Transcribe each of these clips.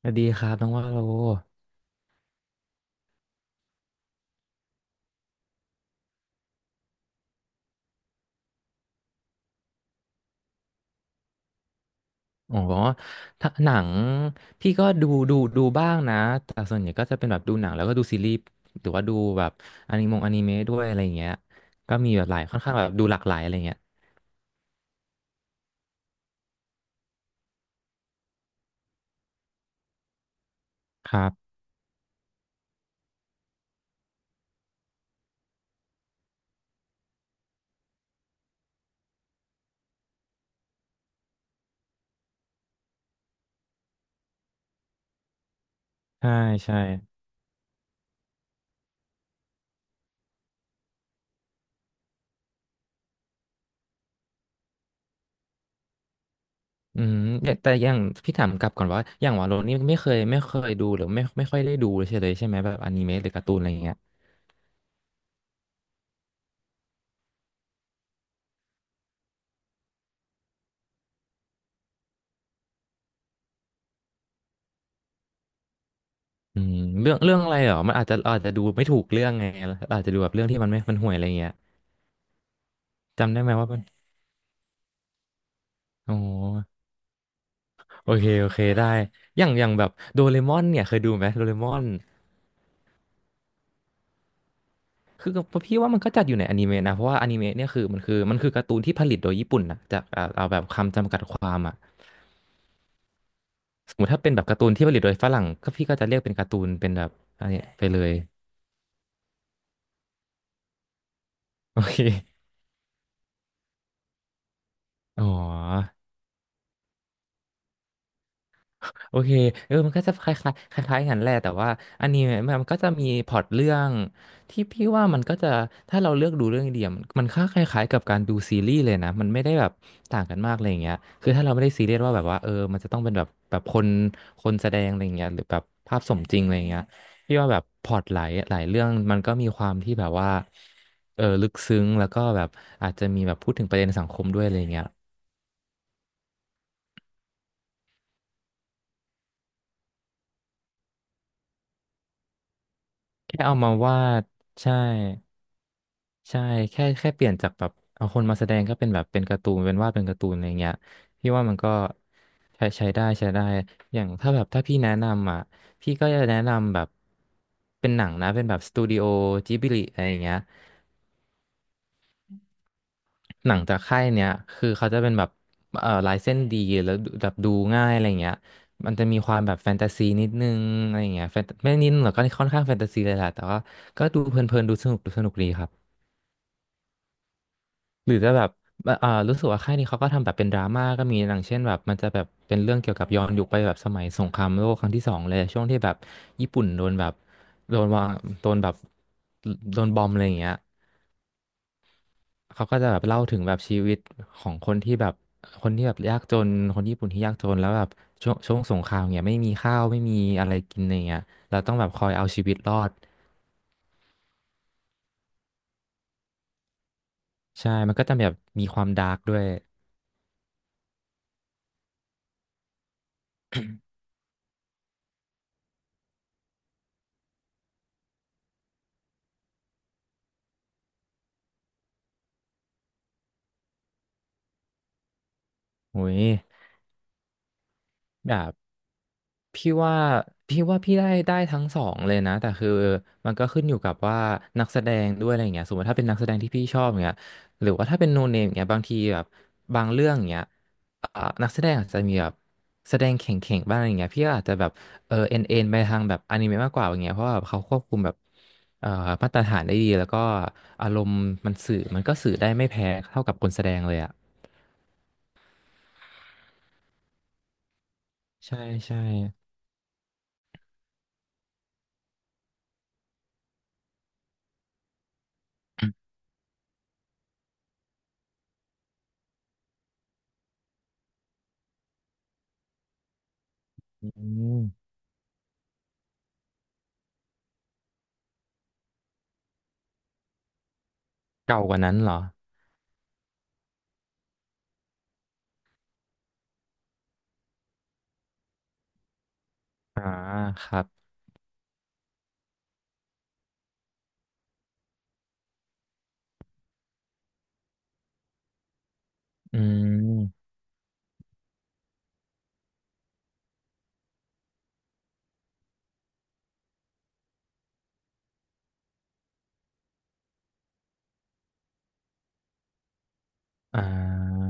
สวัสดีครับน้องว่าโลอ๋อถ้าหนังพี่ก็ดูบ้างนะแต่ส่วนใหญ่ก็จะเป็นแบบดูหนังแล้วก็ดูซีรีส์หรือว่าดูแบบอนิเมะด้วยอะไรอย่างเงี้ยก็มีแบบหลายค่อนข้างแบบดูหลากหลายอะไรเงี้ยครับใช่ใช่อืมแต่อย่างพี่ถามกลับก่อนว่าอย่างว่าโลนี่ไม่เคยดูหรือไม่ค่อยได้ดูเลยใช่ไหมแบบอนิเมะหรือการ์ตูนอะไรอย่างเงี้ยอืมเรื่องอะไรเหรอมันอาจจะดูไม่ถูกเรื่องไงอาจจะดูแบบเรื่องที่มันห่วยอะไรอย่างเงี้ยจำได้ไหมว่ามันอ๋อ โอเคได้ อย่างแบบโดเรมอนเนี่ยเคยดูไหมโดเรมอนคือพี่ว่ามันก็จัดอยู่ในอนิเมะนะเพราะว่าอนิเมะเนี่ยคือการ์ตูนที่ผลิตโดยญี่ปุ่นนะจากเอาแบบคำจำกัดความอ่ะสมมติถ้าเป็นแบบการ์ตูนที่ผลิตโดยฝรั่งก็พี่ก็จะเรียกเป็นการ์ตูนเป็นแบบอันเนี้ยไปเลยโอเคอ๋อ โอเคเออมันก็จะคล้ายๆกันแหละแต่ว่าอันนี้มันก็จะมีพล็อตเรื่องที่พี่ว่ามันก็จะถ้าเราเลือกดูเรื่องเดียวมันค่าคล้ายๆกับการดูซีรีส์เลยนะมันไม่ได้แบบต่างกันมากอะไรอย่างเงี้ยคือถ้าเราไม่ได้ซีเรียสว่าเออมันจะต้องเป็นแบบคนแสดงอะไรอย่างเงี้ยหรือแบบภาพสมจริงอะไรอย่างเงี้ยพี่ว่าแบบพล็อตหลายเรื่องมันก็มีความที่แบบว่าเออลึกซึ้งแล้วก็แบบอาจจะมีแบบพูดถึงประเด็นสังคมด้วยอะไรอย่างเงี้ยแค่เอามาวาดใช่ ใช่แค่เปลี่ยนจากแบบเอาคนมาแสดงก็เป็นแบบเป็นการ์ตูนเป็นวาดเป็นการ์ตูนอะไรเงี้ยพี่ว่ามันก็ใช้ได้อย่างถ้าแบบถ้าพี่แนะนำอ่ะพี่ก็จะแนะนำแบบเป็นหนังนะเป็นแบบสตูดิโอจิบลิอะไรอย่างเงี้ยหนังจากค่ายเนี้ยคือเขาจะเป็นแบบลายเส้นดีแล้วดูแบบดูง่ายอะไรเงี้ยมันจะมีความแบบแฟนตาซีนิดนึงอะไรเงี้ยแฟนไม่นิดหรอกก็ค่อนข้างแฟนตาซีเลยแหละแต่ว่าก็ดูเพลินๆดูสนุกดีครับ หรือจะแบบอ่ารู้สึกว่าค่ายนี้เขาก็ทำแบบเป็นดราม่าก็มีอย่างเช่นแบบมันจะแบบเป็นเรื่องเกี่ยวกับย้อนยุคไปแบบสมัยสงครามโลกครั้งที่สองเลยช่วงที่แบบญี่ปุ่นโดนแบบโดนวางโดนแบบโดนบอมอะไรอย่างเงี้ยเขาก็จะแบบเล่าถึงแบบชีวิตของคนที่แบบยากจนคนญี่ปุ่นที่ยากจนแล้วแบบช่วงสงครามเนี่ยไม่มีข้าวไม่มีอะไรกินอะไรเงี้ยเราต้องแบบคอยเอาชีวิตรอดใช่มันก็จะแบบมีความดาร์กด้วยโอ้ยแบบ พี่ว่าพี่ว่าพี่ได้ทั้งสองเลยนะแต่คือมันก็ขึ้นอยู่กับว่านักแสดงด้วยอะไรอย่างเงี้ยสมมติถ้าเป็นนักแสดงที่พี่ชอบอย่างเงี้ยหรือว่าถ้าเป็นโนเนมอย่างเงี้ยบางทีแบบบางเรื่องอย่างเงี้ยอ่านักแสดงอาจจะมีแบบแสดงเข่งๆบ้างอะไรอย่างเงี้ยพี่ก็อาจจะแบบเออเอ็นไปทางแบบอนิเมะมากกว่าอย่างเงี้ยเพราะว่าแบบเขาควบคุมแบบเอ่อมาตรฐานได้ดีแล้วก็อารมณ์มันก็สื่อได้ไม่แพ้เท่ากับคนแสดงเลยอ่ะใช่ใช่อืมเก่ากว่านั้นเหรออ่าครับ อืม อ่า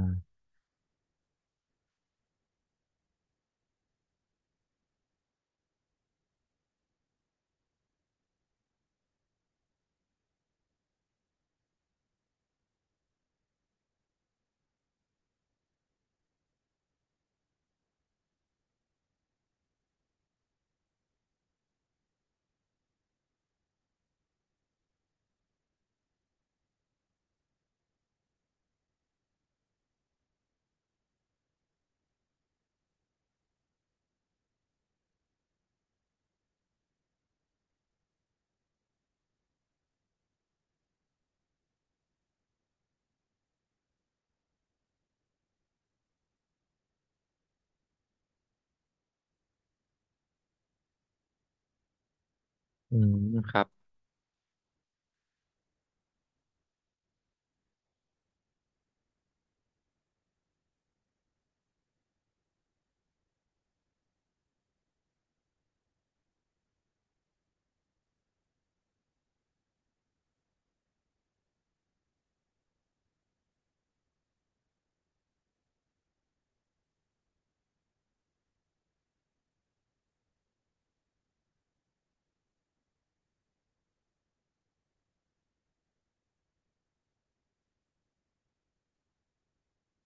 อืม ครับ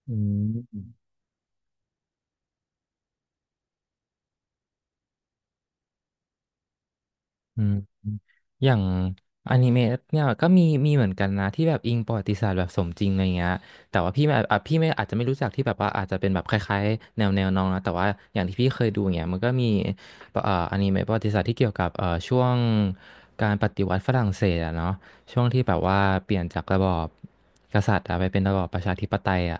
อืม อืมอย่างอนิเมะเนี่ยก็มีเหมือนกันนะที่แบบอิงประวัติศาสตร์แบบสมจริงอะไรเงี้ยแต่ว่าพี่ไม่อ่ะพี่ไม่อาจจะไม่รู้จักที่แบบว่าอาจจะเป็นแบบคล้ายๆแนวน้องนะแต่ว่าอย่างที่พี่เคยดูเงี้ยมันก็มีอนิเมะประวัติศาสตร์ที่เกี่ยวกับช่วงการปฏิวัติฝรั่งเศสอะเนาะช่วงที่แบบว่าเปลี่ยนจากระบอบกษัตริย์อะไปเป็นระบอบประชาธิปไตยอะ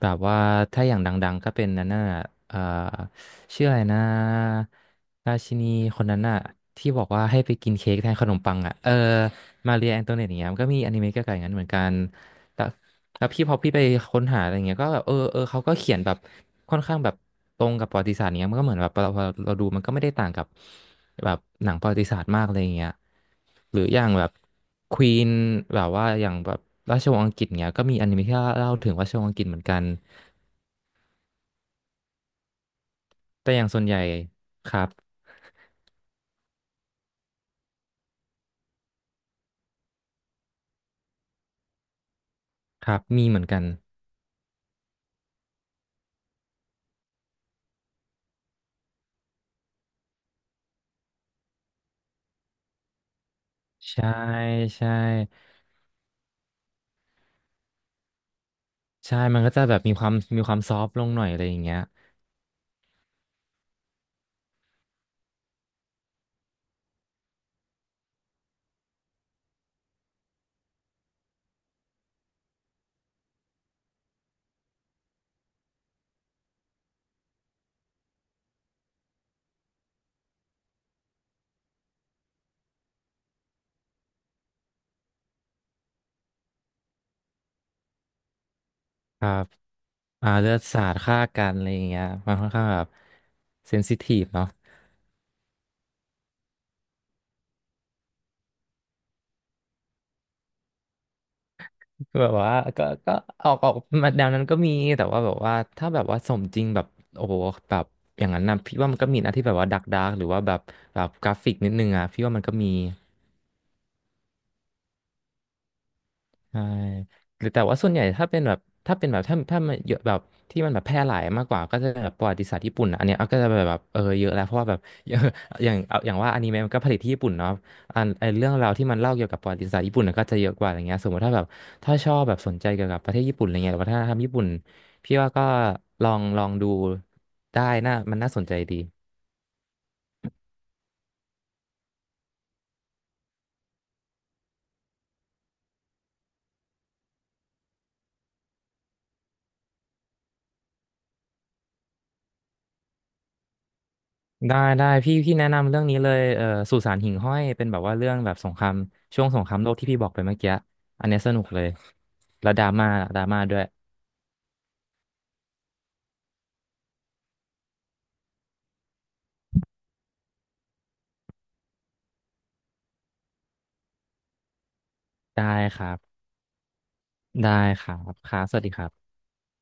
แบบว่าถ้าอย่างดังๆก็เป็นนั่นน่ะเอ่อ ชื่ออะไรนะราชินีคนนั้นอะที่บอกว่าให้ไปกินเค้กแทนขนมปังอะเออมาเรียแองโตเนตอย่างเงี้ยมันก็มีอนิเมะเกี่ยวกับอย่างนั้นเหมือนกันแล้วแล้วพี่พอพี่ไปค้นหาอะไรเงี้ยก็แบบเออเขาก็เขียนแบบค่อนข้างแบบตรงกับประวัติศาสตร์เนี้ยมันก็เหมือนแบบเราดูมันก็ไม่ได้ต่างกับแบบหนังประวัติศาสตร์มากอะไรเงี้ยหรืออย่างแบบควีนแบบว่าอย่างแบบราชวงศ์อังกฤษเนี้ยก็มีอนิเมะที่เล่าถึงราชวงศ์อังกฤษเหมือนกันแต่อย่างส่วนใหญ่ครับครับมีเหมือนกัน ใช่ใช่ใช่ มันก็จะแบบมีความซอฟต์ลงหน่อยอะไรอย่างเงี้ยครับอ่าเลือดสาดฆ่ากันอะไรอย่างเงี้ยมันค่อนข้างแบบเซนซิทีฟเนาะแบบว่าก็ออกมาแนวนั้นก็มีแต่ว่าแบบว่าถ้าแบบว่าสมจริงแบบโอ้โหแบบอย่างนั้นนะพี่ว่ามันก็มีนะที่แบบว่าดักดาร์กหรือว่าแบบแบบกราฟิกนิดนึงอ่ะพี่ว่ามันก็มี ใช่หรือแต่ว่าส่วนใหญ่ถ้าเป็นแบบถ้ามันเยอะแบบที่มันแบบแพร่หลายมากกว่าก็จะแบบประวัติศาสตร์ญี่ปุ่นอะอันเนี้ยเอาก็จะแบบเออเยอะแล้วเพราะว่าแบบ อย่างเอาอย่างว่าอนิเมะมันก็ผลิตที่ญี่ปุ่นเนาะอันไอเรื่องราวที่มันเล่าเกี่ยวกับประวัติศาสตร์ญี่ปุ่นน่ะก็จะเยอะกว่าอย่างเงี้ยสมมติถ้าแบบถ้าชอบแบบสนใจเกี่ยวกับประเทศญี่ปุ่นอะไรเงี้ยหรือวัฒนธรรมญี่ปุ่นพี่ว่าก็ลองดูได้น่ามันน่าสนใจดี ได้พี่แนะนำเรื่องนี้เลยสุสานหิ่งห้อยเป็นแบบว่าเรื่องแบบสงครามช่วงสงครามโลกที่พี่บอกไปเมื่อกี้อันเนี้ยสนุกเลยแล้วดราม่าด้วยได้ครับได้ครับครับสวัสดีครับ